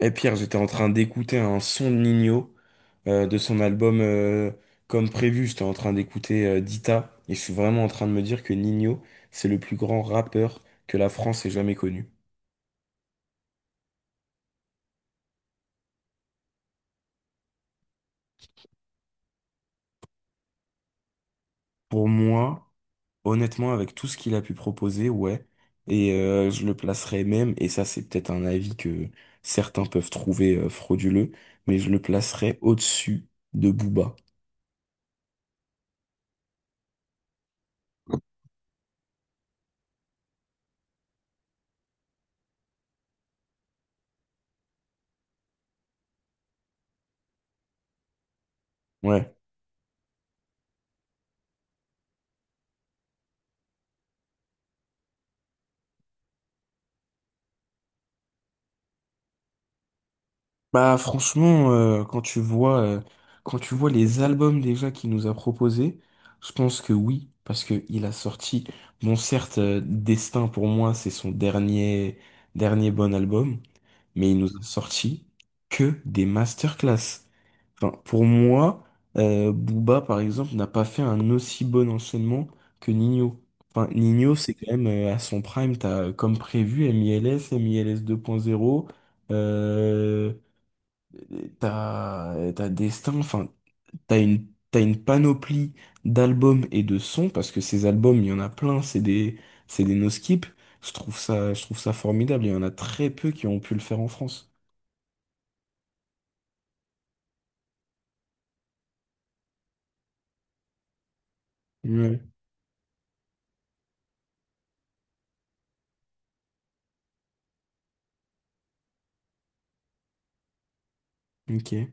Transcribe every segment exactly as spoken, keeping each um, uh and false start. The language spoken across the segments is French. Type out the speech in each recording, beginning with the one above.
Et Pierre, j'étais en train d'écouter un son de Nino euh, de son album euh, Comme prévu. J'étais en train d'écouter euh, Dita et je suis vraiment en train de me dire que Nino, c'est le plus grand rappeur que la France ait jamais connu. Pour moi, honnêtement, avec tout ce qu'il a pu proposer, ouais. Et euh, je le placerais même, et ça c'est peut-être un avis que certains peuvent trouver euh, frauduleux, mais je le placerais au-dessus de Booba. Ouais. Bah franchement, euh, quand tu vois, euh, quand tu vois les albums déjà qu'il nous a proposés, je pense que oui, parce que il a sorti, bon certes, euh, Destin pour moi c'est son dernier dernier bon album, mais il nous a sorti que des masterclass. Enfin, pour moi, euh, Booba par exemple n'a pas fait un aussi bon enchaînement que Nino. Enfin, Nino c'est quand même euh, à son prime, t'as euh, comme prévu M I L S, M I L S deux point zéro. T'as, t'as Destin, enfin, t'as une, t'as une panoplie d'albums et de sons, parce que ces albums, il y en a plein, c'est des, c'est des no-skip. Je trouve ça, je trouve ça formidable, il y en a très peu qui ont pu le faire en France. Ouais, ok.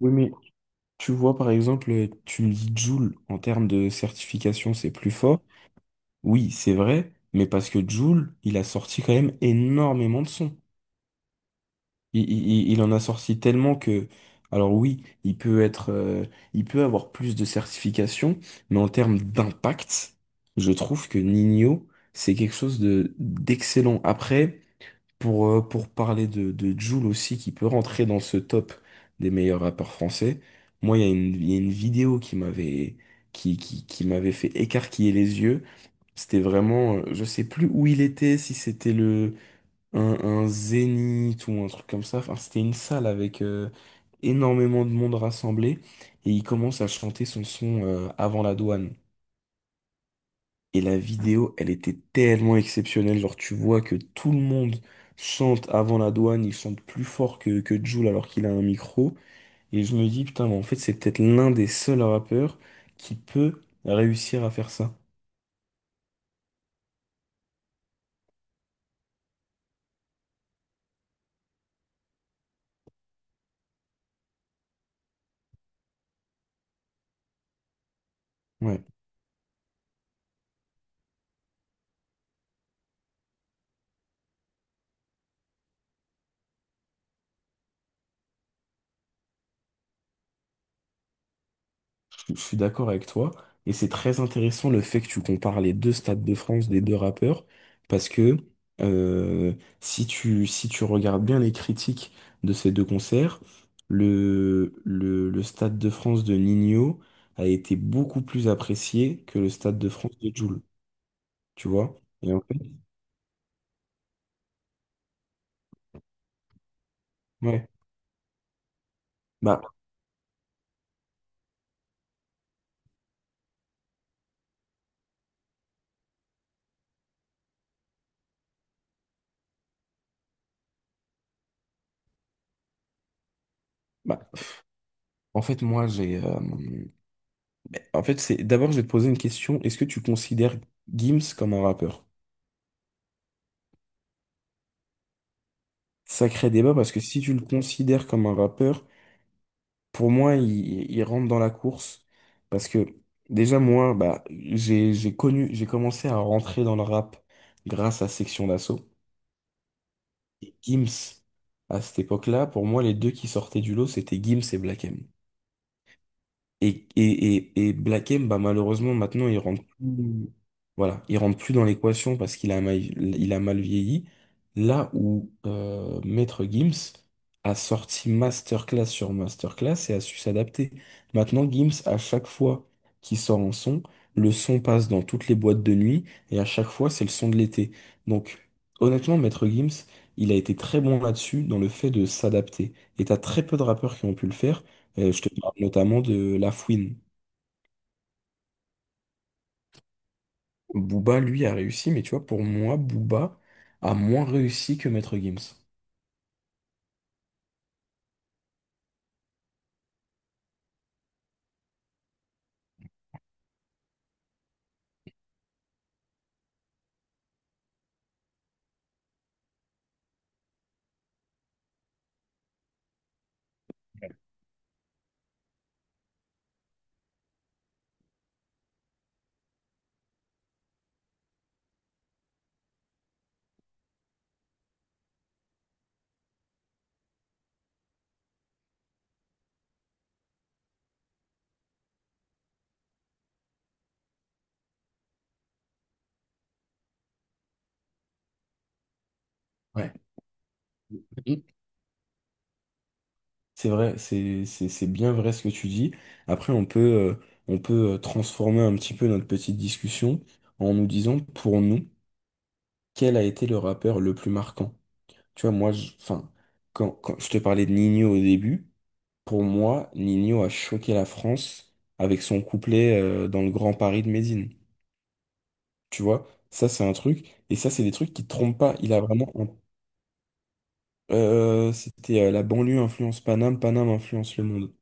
Oui, mais tu vois, par exemple, tu me dis Joule, en termes de certification, c'est plus fort. Oui, c'est vrai, mais parce que Joule, il a sorti quand même énormément de sons. Il, il- il en a sorti tellement que, alors oui, il peut être, euh, il peut avoir plus de certifications, mais en termes d'impact, je trouve que Nino, c'est quelque chose de d'excellent. Après, pour, euh, pour parler de, de Jul aussi, qui peut rentrer dans ce top des meilleurs rappeurs français, moi, il y a une, il y a une vidéo qui m'avait, qui, qui, qui m'avait fait écarquiller les yeux. C'était vraiment, euh, je sais plus où il était, si c'était le un, un zénith ou un truc comme ça. Enfin, c'était une salle avec euh, énormément de monde rassemblé et il commence à chanter son son euh, avant la douane. Et la vidéo, elle était tellement exceptionnelle. Genre, tu vois que tout le monde chante avant la douane, il chante plus fort que, que Jul alors qu'il a un micro. Et je me dis, putain, mais en fait, c'est peut-être l'un des seuls rappeurs qui peut réussir à faire ça. Ouais. Je suis d'accord avec toi. Et c'est très intéressant le fait que tu compares les deux Stades de France des deux rappeurs. Parce que euh, si tu, si tu regardes bien les critiques de ces deux concerts, le, le, le Stade de France de Nino a été beaucoup plus apprécié que le Stade de France de Jul. Tu vois? Et en fait, ouais. Bah, bah, en fait, moi, j'ai euh, en fait, c'est, d'abord, je vais te poser une question. Est-ce que tu considères Gims comme un rappeur? Sacré débat parce que si tu le considères comme un rappeur, pour moi, il, il rentre dans la course. Parce que déjà, moi, bah, j'ai, j'ai connu, j'ai commencé à rentrer dans le rap grâce à Section d'Assaut et Gims. À cette époque-là, pour moi, les deux qui sortaient du lot, c'était Gims et Black M. Et, et, et, et Blakem, bah, malheureusement, maintenant, il rentre plus, voilà, il rentre plus dans l'équation parce qu'il a mal, il a mal vieilli. Là où euh, Maître Gims a sorti masterclass sur masterclass et a su s'adapter. Maintenant, Gims, à chaque fois qu'il sort un son, le son passe dans toutes les boîtes de nuit et à chaque fois, c'est le son de l'été. Donc, honnêtement, Maître Gims, il a été très bon là-dessus dans le fait de s'adapter. Et t'as très peu de rappeurs qui ont pu le faire. Euh, je te parle notamment de La Fouine. Booba, lui, a réussi, mais tu vois, pour moi, Booba a moins réussi que Maître Gims. Ouais. Mhm. C'est vrai, c'est c'est- c'est bien vrai ce que tu dis. Après, on peut, euh, on peut euh, transformer un petit peu notre petite discussion en nous disant, pour nous, quel a été le rappeur le plus marquant? Tu vois, moi, je, enfin, quand, quand je te parlais de Nino au début, pour moi, Nino a choqué la France avec son couplet, euh, dans le Grand Paris de Médine. Tu vois, ça c'est un truc. Et ça, c'est des trucs qui te trompent pas. Il a vraiment. Euh, c'était euh, la banlieue influence Paname, Paname influence le monde.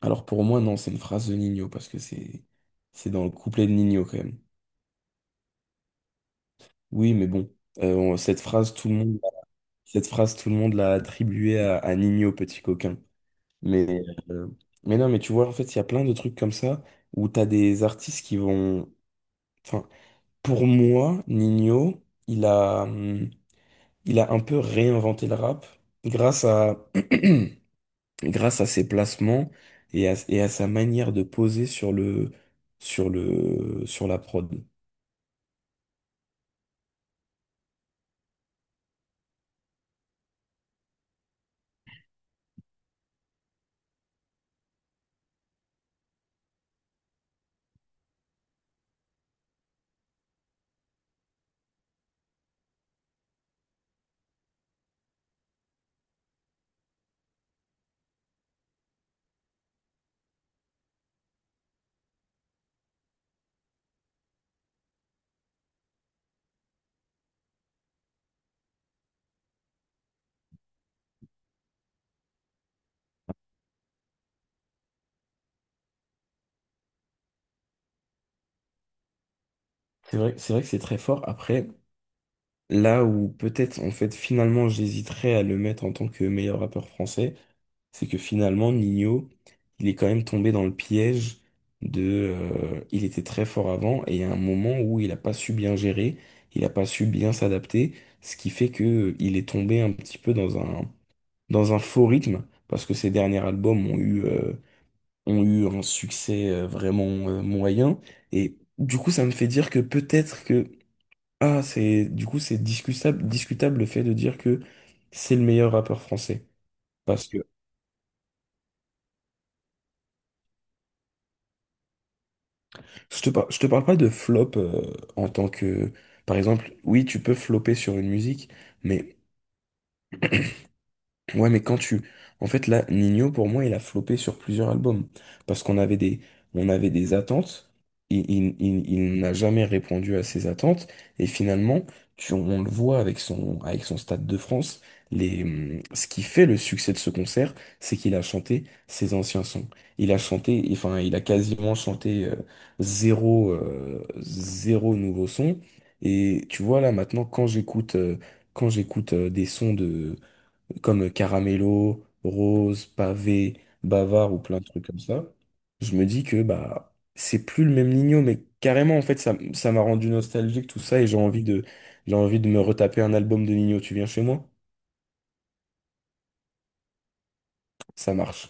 Alors pour moi, non, c'est une phrase de Nino parce que c'est c'est dans le couplet de Nino quand même. Oui, mais bon, euh, on- cette phrase, tout le monde, cette phrase, tout le monde l'a attribuée à, à Nino, petit coquin. Mais, euh, mais non, mais tu vois, en fait, il y a plein de trucs comme ça où t'as des artistes qui vont. Enfin, pour moi, Nino, il a hum, il a un peu réinventé le rap grâce à, grâce à ses placements et à, et à sa manière de poser sur le, sur le, sur la prod. C'est vrai, c'est vrai que c'est très fort. Après, là où peut-être, en fait, finalement, j'hésiterais à le mettre en tant que meilleur rappeur français, c'est que finalement, Nino, il est quand même tombé dans le piège de... euh, il était très fort avant et il y a un moment où il n'a pas su bien gérer, il n'a pas su bien s'adapter, ce qui fait que euh, il est tombé un petit peu dans un, dans un faux rythme, parce que ses derniers albums ont eu, euh, ont eu un succès euh, vraiment euh, moyen. Et du coup, ça me fait dire que peut-être que... Ah, c'est, du coup, c'est discutable, discutable le fait de dire que c'est le meilleur rappeur français. Parce que Je te, par- je te parle pas de flop euh, en tant que... Par exemple, oui, tu peux flopper sur une musique, mais ouais, mais quand tu... En fait, là, Nino, pour moi, il a flopé sur plusieurs albums. Parce qu'on avait des, on avait des attentes. Il, il, il, il n'a jamais répondu à ces attentes. Et finalement, tu- on le voit avec son, avec son Stade de France. Les, hum, ce qui fait le succès de ce concert, c'est qu'il a chanté ses anciens sons. Il a chanté, enfin, il a quasiment chanté euh, zéro, euh, zéro nouveau son. Et tu vois, là, maintenant, quand j'écoute euh, quand j'écoute euh, des sons de comme Caramello, Rose, Pavé, Bavard ou plein de trucs comme ça, je me dis que bah c'est plus le même Nino, mais carrément en fait ça, ça m'a rendu nostalgique tout ça et j'ai envie de j'ai envie de me retaper un album de Nino. Tu viens chez moi? Ça marche.